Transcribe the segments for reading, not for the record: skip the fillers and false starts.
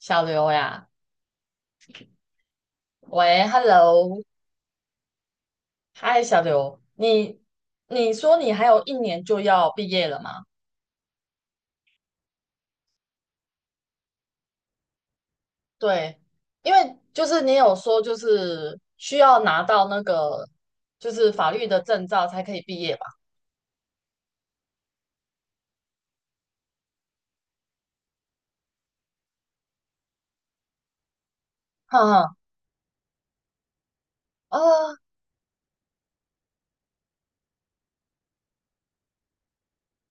小刘呀，喂，Hello，嗨，小刘，你说你还有一年就要毕业了吗？对，因为就是你有说就是需要拿到那个就是法律的证照才可以毕业吧？哈哈，啊，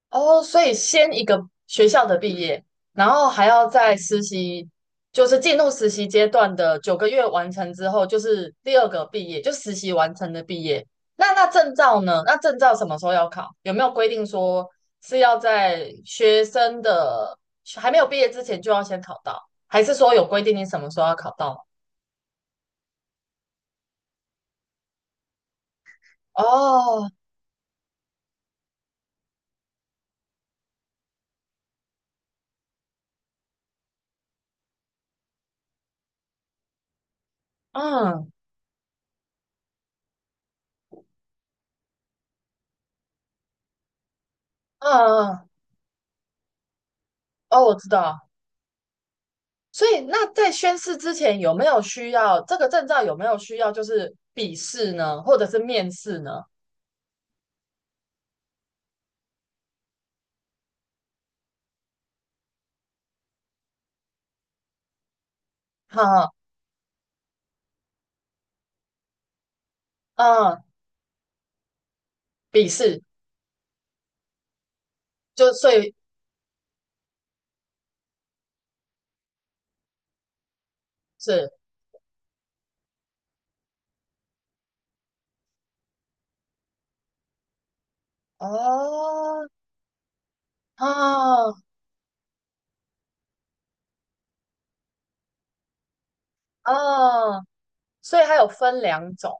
哦，所以先一个学校的毕业，然后还要在实习，就是进入实习阶段的九个月完成之后，就是第二个毕业，就实习完成的毕业。那证照呢？那证照什么时候要考？有没有规定说是要在学生的还没有毕业之前就要先考到，还是说有规定你什么时候要考到？哦，嗯嗯嗯，哦，我知道。所以那在宣誓之前有没有需要这个证照？有没有需要就是笔试呢，或者是面试呢？哈、啊，笔试就所以是哦哦哦，所以它有分两种。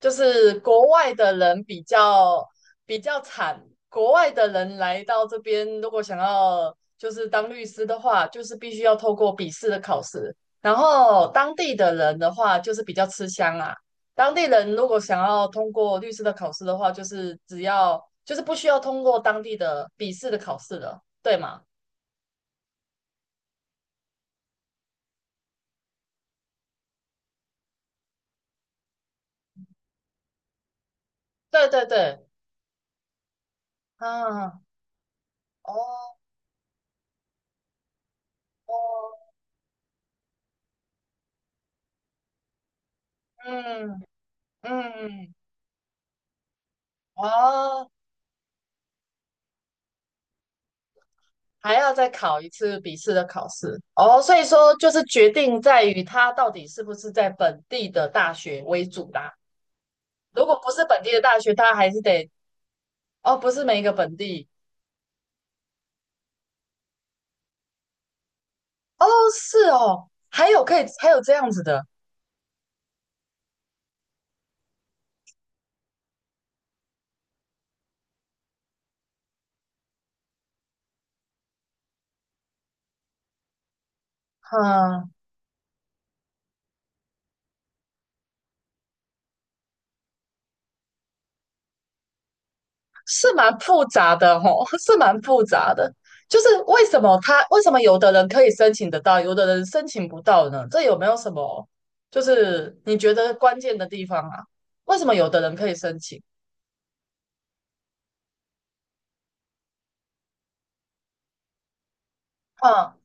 就是国外的人比较比较惨，国外的人来到这边，如果想要就是当律师的话，就是必须要透过笔试的考试。然后当地的人的话，就是比较吃香啊。当地人如果想要通过律师的考试的话，就是只要就是不需要通过当地的笔试的考试了，对吗？对对对，啊，哦哦，嗯嗯，哦。还要再考一次笔试的考试哦，所以说就是决定在于他到底是不是在本地的大学为主啦。如果不是本地的大学，他还是得哦，不是每一个本地哦，是哦，还有可以还有这样子的，嗯，是蛮复杂的哦，是蛮复杂的。就是为什么他为什么有的人可以申请得到，有的人申请不到呢？这有没有什么就是你觉得关键的地方啊？为什么有的人可以申请？嗯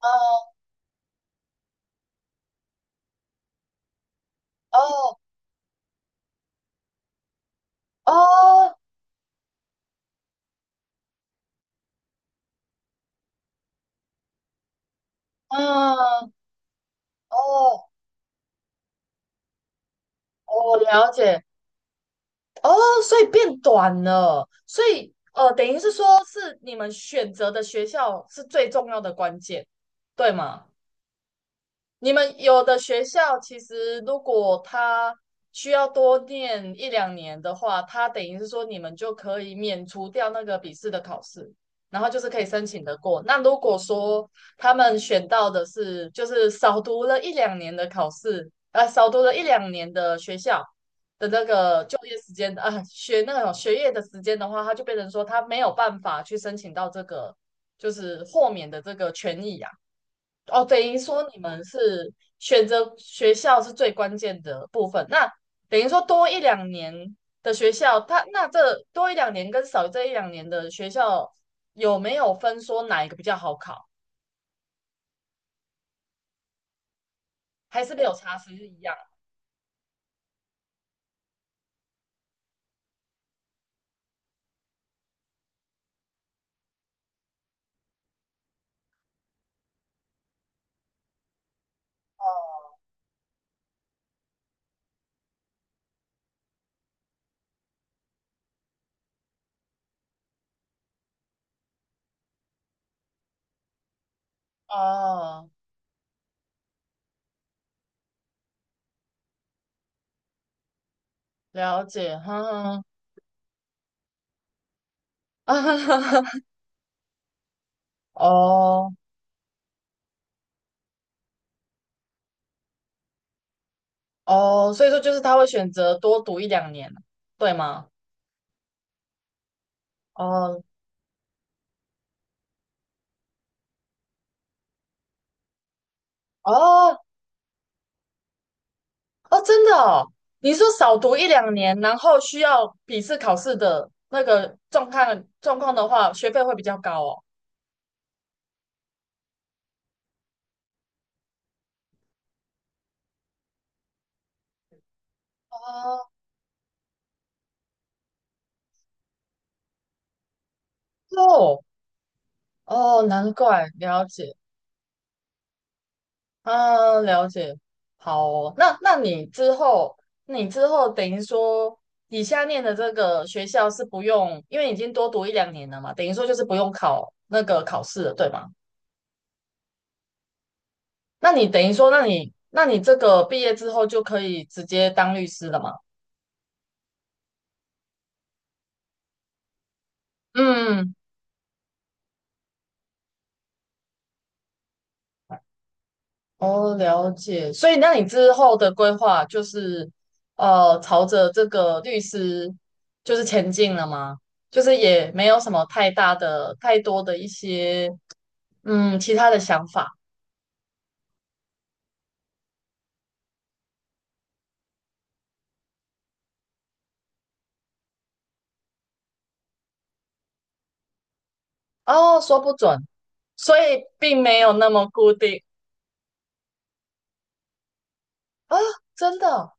哦哦，哦嗯，哦，哦我了解，哦，所以变短了，所以等于是说是你们选择的学校是最重要的关键，对吗？你们有的学校其实如果他需要多念一两年的话，他等于是说你们就可以免除掉那个笔试的考试，然后就是可以申请的过。那如果说他们选到的是就是少读了一两年的考试，啊，少读了一两年的学校的那个就业时间啊，学那种学业的时间的话，他就变成说他没有办法去申请到这个就是豁免的这个权益啊。哦，等于说你们是选择学校是最关键的部分。那等于说多一两年的学校，他那这多一两年跟少这一两年的学校有没有分说哪一个比较好考？还是没有差，其实一样？哦，了解，哈哈，哦哦，所以说就是他会选择多读一两年，对吗？哦哦，哦，真的哦，你说少读一两年，然后需要笔试考试的那个状况的话，学费会比较高哦。哦哦哦难怪，了解，啊，了解，好哦。那那你之后，你之后等于说，你下念的这个学校是不用，因为已经多读一两年了嘛，等于说就是不用考那个考试了，对吗？那你等于说，那你那你这个毕业之后就可以直接当律师了吗？嗯哦，了解。所以，那你之后的规划就是，朝着这个律师就是前进了吗？就是也没有什么太大的、太多的一些其他的想法。哦，说不准，所以并没有那么固定啊，真的哦。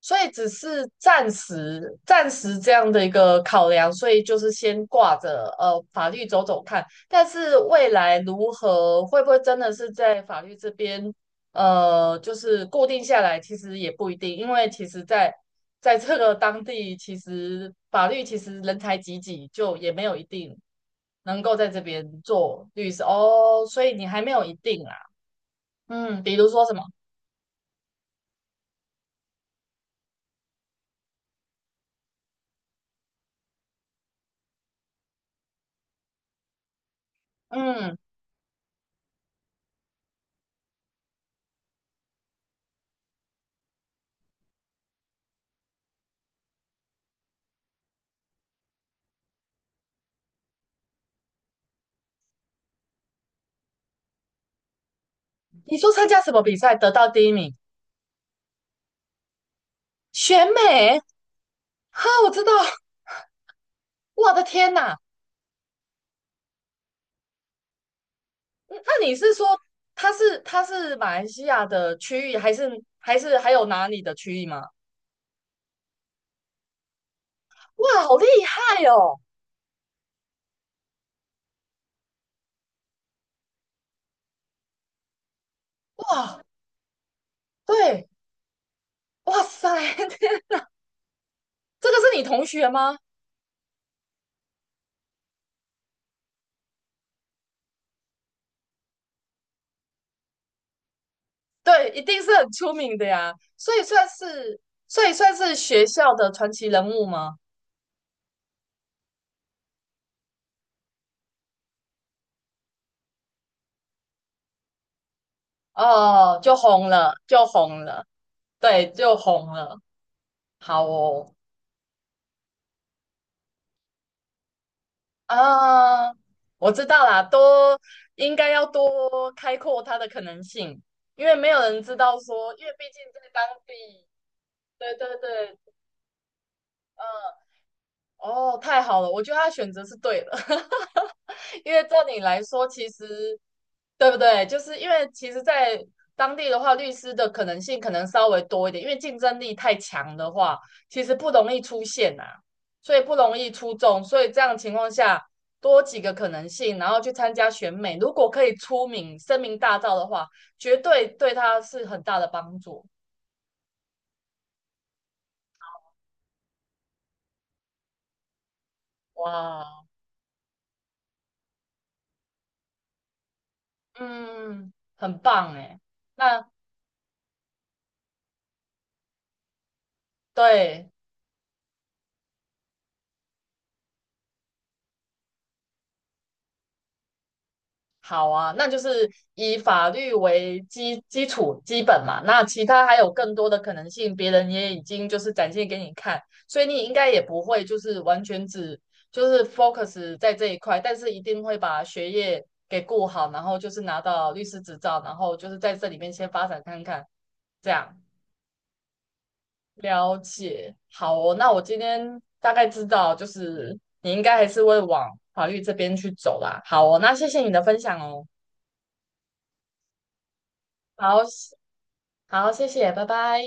所以只是暂时这样的一个考量，所以就是先挂着法律走走看，但是未来如何会不会真的是在法律这边就是固定下来，其实也不一定，因为其实在在这个当地，其实法律其实人才济济，就也没有一定能够在这边做律师哦，所以你还没有一定啦。嗯，比如说什么，嗯，你说参加什么比赛得到第一名，选美。哈，我知道，我的天呐！嗯那你是说他是马来西亚的区域，还是还是还有哪里的区域吗？哇，好厉害哦！哇，对，哇塞，这个是你同学吗？对，一定是很出名的呀，所以算是所以算是学校的传奇人物吗？哦，就红了，就红了，对，就红了。好哦，啊，我知道啦，多应该要多开阔它的可能性，因为没有人知道说，因为毕竟在当地，对对对，嗯，哦，太好了，我觉得他选择是对的，因为照你来说，其实对不对？就是因为其实，在当地的话，律师的可能性可能稍微多一点，因为竞争力太强的话，其实不容易出现啊，所以不容易出众。所以这样的情况下，多几个可能性，然后去参加选美，如果可以出名、声名大噪的话，绝对对他是很大的帮助。哇，嗯，很棒哎。那对，好啊，那就是以法律为基础基本嘛，那其他还有更多的可能性，别人也已经就是展现给你看，所以你应该也不会就是完全只就是 focus 在这一块，但是一定会把学业给顾好，然后就是拿到律师执照，然后就是在这里面先发展看看，这样了解。好哦，那我今天大概知道，就是你应该还是会往法律这边去走啦。好哦，那谢谢你的分享哦。好，好，谢谢，拜拜。